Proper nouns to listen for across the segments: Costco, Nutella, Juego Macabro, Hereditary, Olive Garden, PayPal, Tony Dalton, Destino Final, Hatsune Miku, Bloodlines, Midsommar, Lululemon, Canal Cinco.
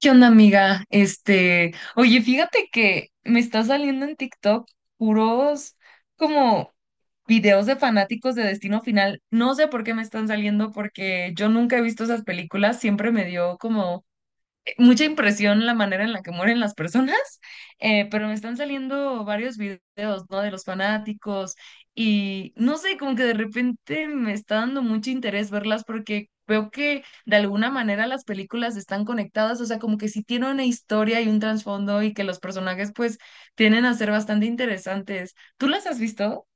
¿Qué onda, amiga? Oye, fíjate que me está saliendo en TikTok puros como videos de fanáticos de Destino Final. No sé por qué me están saliendo, porque yo nunca he visto esas películas. Siempre me dio como mucha impresión la manera en la que mueren las personas, pero me están saliendo varios videos, ¿no? De los fanáticos. Y no sé, como que de repente me está dando mucho interés verlas porque veo que de alguna manera las películas están conectadas, o sea, como que sí tienen una historia y un trasfondo y que los personajes pues tienen a ser bastante interesantes. ¿Tú las has visto?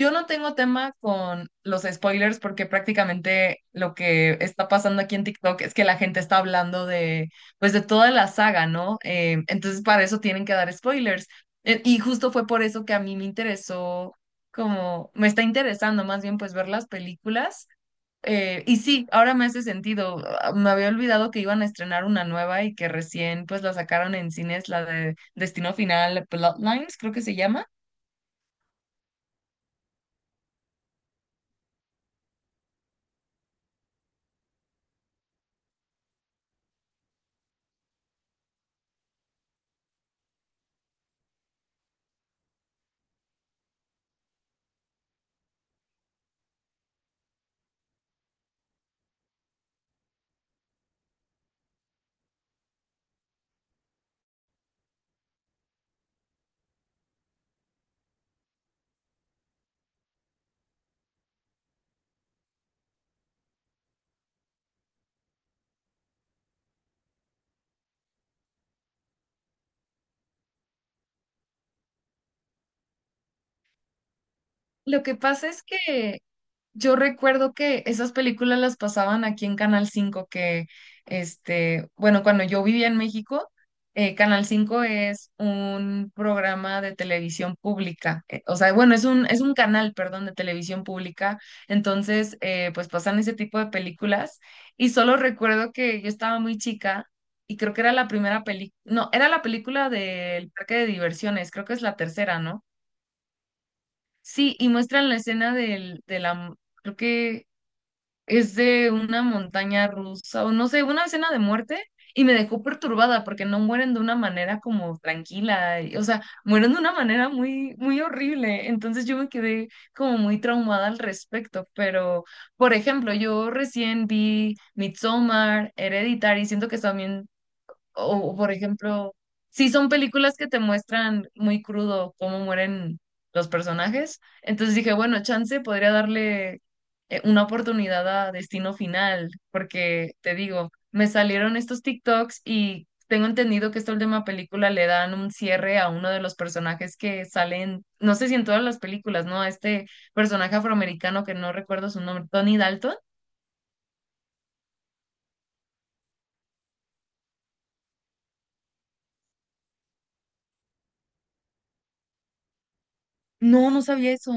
Yo no tengo tema con los spoilers porque prácticamente lo que está pasando aquí en TikTok es que la gente está hablando de, pues, de toda la saga, ¿no? Entonces para eso tienen que dar spoilers. Y justo fue por eso que a mí me interesó, como, me está interesando más bien, pues, ver las películas. Y sí, ahora me hace sentido. Ah, me había olvidado que iban a estrenar una nueva y que recién, pues, la sacaron en cines, la de Destino Final, Bloodlines, creo que se llama. Lo que pasa es que yo recuerdo que esas películas las pasaban aquí en Canal cinco que, bueno, cuando yo vivía en México, Canal cinco es un programa de televisión pública, o sea, bueno, es un canal, perdón, de televisión pública. Entonces, pues pasan ese tipo de películas y solo recuerdo que yo estaba muy chica y creo que era la primera película, no, era la película del parque de diversiones, creo que es la tercera, ¿no? Sí, y muestran la escena de la, creo que es de una montaña rusa o no sé, una escena de muerte. Y me dejó perturbada porque no mueren de una manera como tranquila, o sea, mueren de una manera muy, muy horrible. Entonces yo me quedé como muy traumada al respecto, pero por ejemplo, yo recién vi Midsommar, Hereditary, siento que también o, por ejemplo, si son películas que te muestran muy crudo cómo mueren los personajes. Entonces dije, bueno, chance podría darle una oportunidad a Destino Final, porque te digo, me salieron estos TikToks y tengo entendido que esta última película le dan un cierre a uno de los personajes que salen, no sé si en todas las películas, ¿no? A este personaje afroamericano que no recuerdo su nombre, Tony Dalton. No, no sabía eso.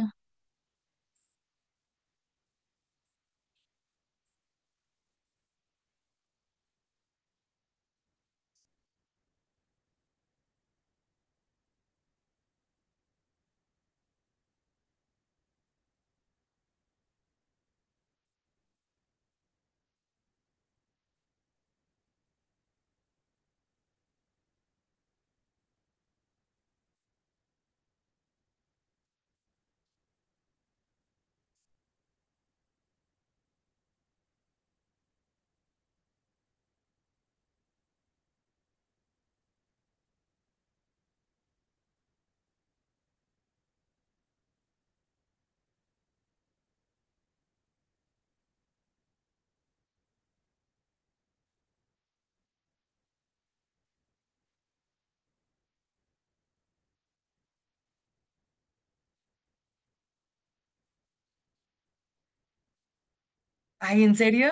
Ay, ¿en serio?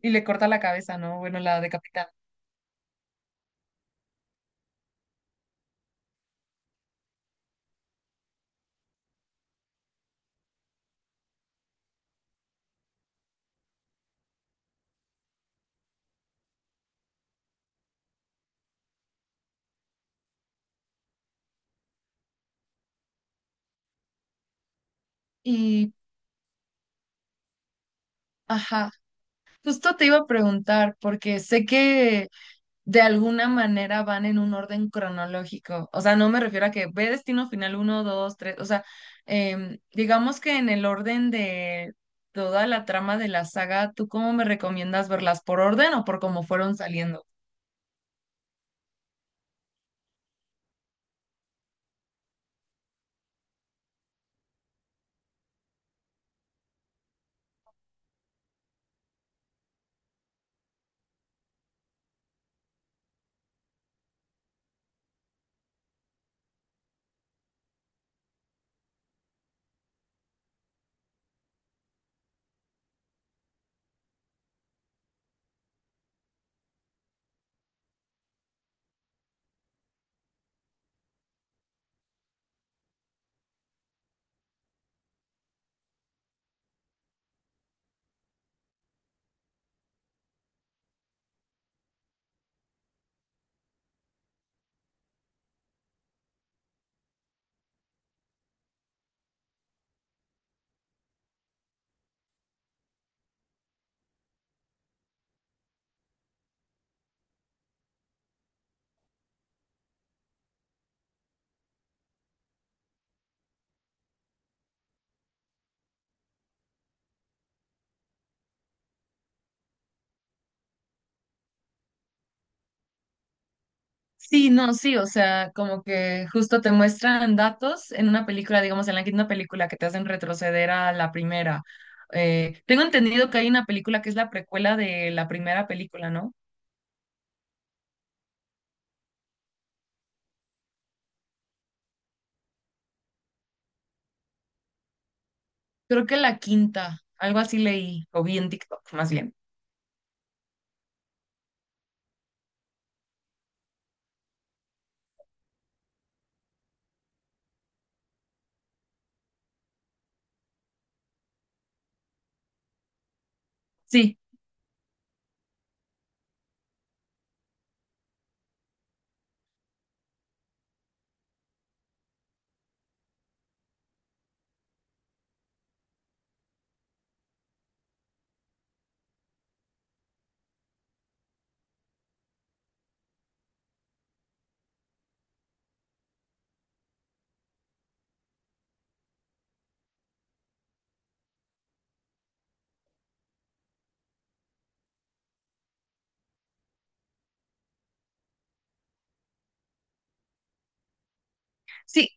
Y le corta la cabeza, ¿no? Bueno, la decapita. Y, ajá, justo te iba a preguntar, porque sé que de alguna manera van en un orden cronológico. O sea, no me refiero a que ve Destino Final uno 2 tres. O sea, digamos que en el orden de toda la trama de la saga, ¿tú cómo me recomiendas verlas? ¿Por orden o por cómo fueron saliendo? Sí, no, sí, o sea, como que justo te muestran datos en una película, digamos, en la quinta película, que te hacen retroceder a la primera. Tengo entendido que hay una película que es la precuela de la primera película, ¿no? Creo que la quinta, algo así leí, o vi en TikTok, más bien. Sí, sí,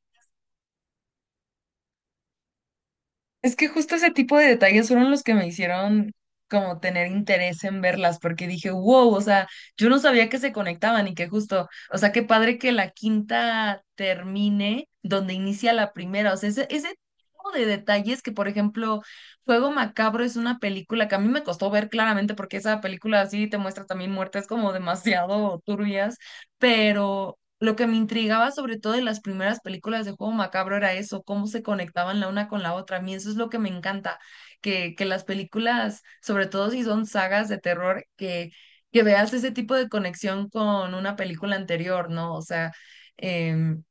es que justo ese tipo de detalles fueron los que me hicieron como tener interés en verlas, porque dije, wow, o sea, yo no sabía que se conectaban y que justo, o sea, qué padre que la quinta termine donde inicia la primera, o sea, ese tipo de detalles que, por ejemplo, Juego Macabro es una película que a mí me costó ver claramente porque esa película así te muestra también muertes como demasiado turbias, pero lo que me intrigaba sobre todo en las primeras películas de Juego Macabro era eso, cómo se conectaban la una con la otra. A mí eso es lo que me encanta, que las películas, sobre todo si son sagas de terror, que veas ese tipo de conexión con una película anterior, ¿no? O sea, em,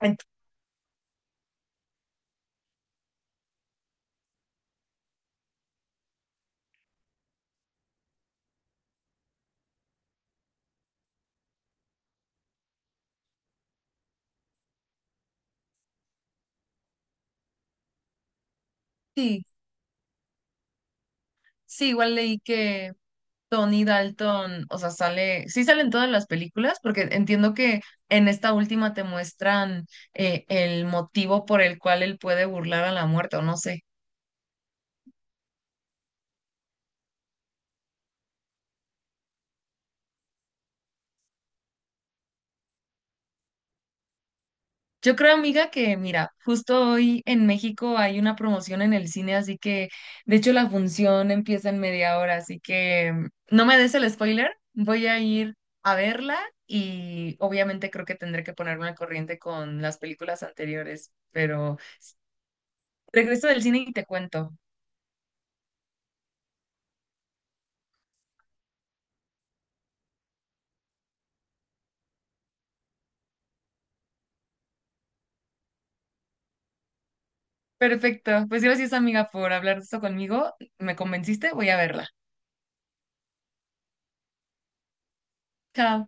ent- sí, sí, igual leí que Tony Dalton, o sea, sale, sí salen todas las películas, porque entiendo que en esta última te muestran el motivo por el cual él puede burlar a la muerte, o no sé. Yo creo, amiga, que mira, justo hoy en México hay una promoción en el cine, así que de hecho la función empieza en media hora, así que no me des el spoiler, voy a ir a verla y obviamente creo que tendré que ponerme al corriente con las películas anteriores, regreso del cine y te cuento. Perfecto, pues gracias, amiga, por hablar de esto conmigo, me convenciste, voy a verla. Chao.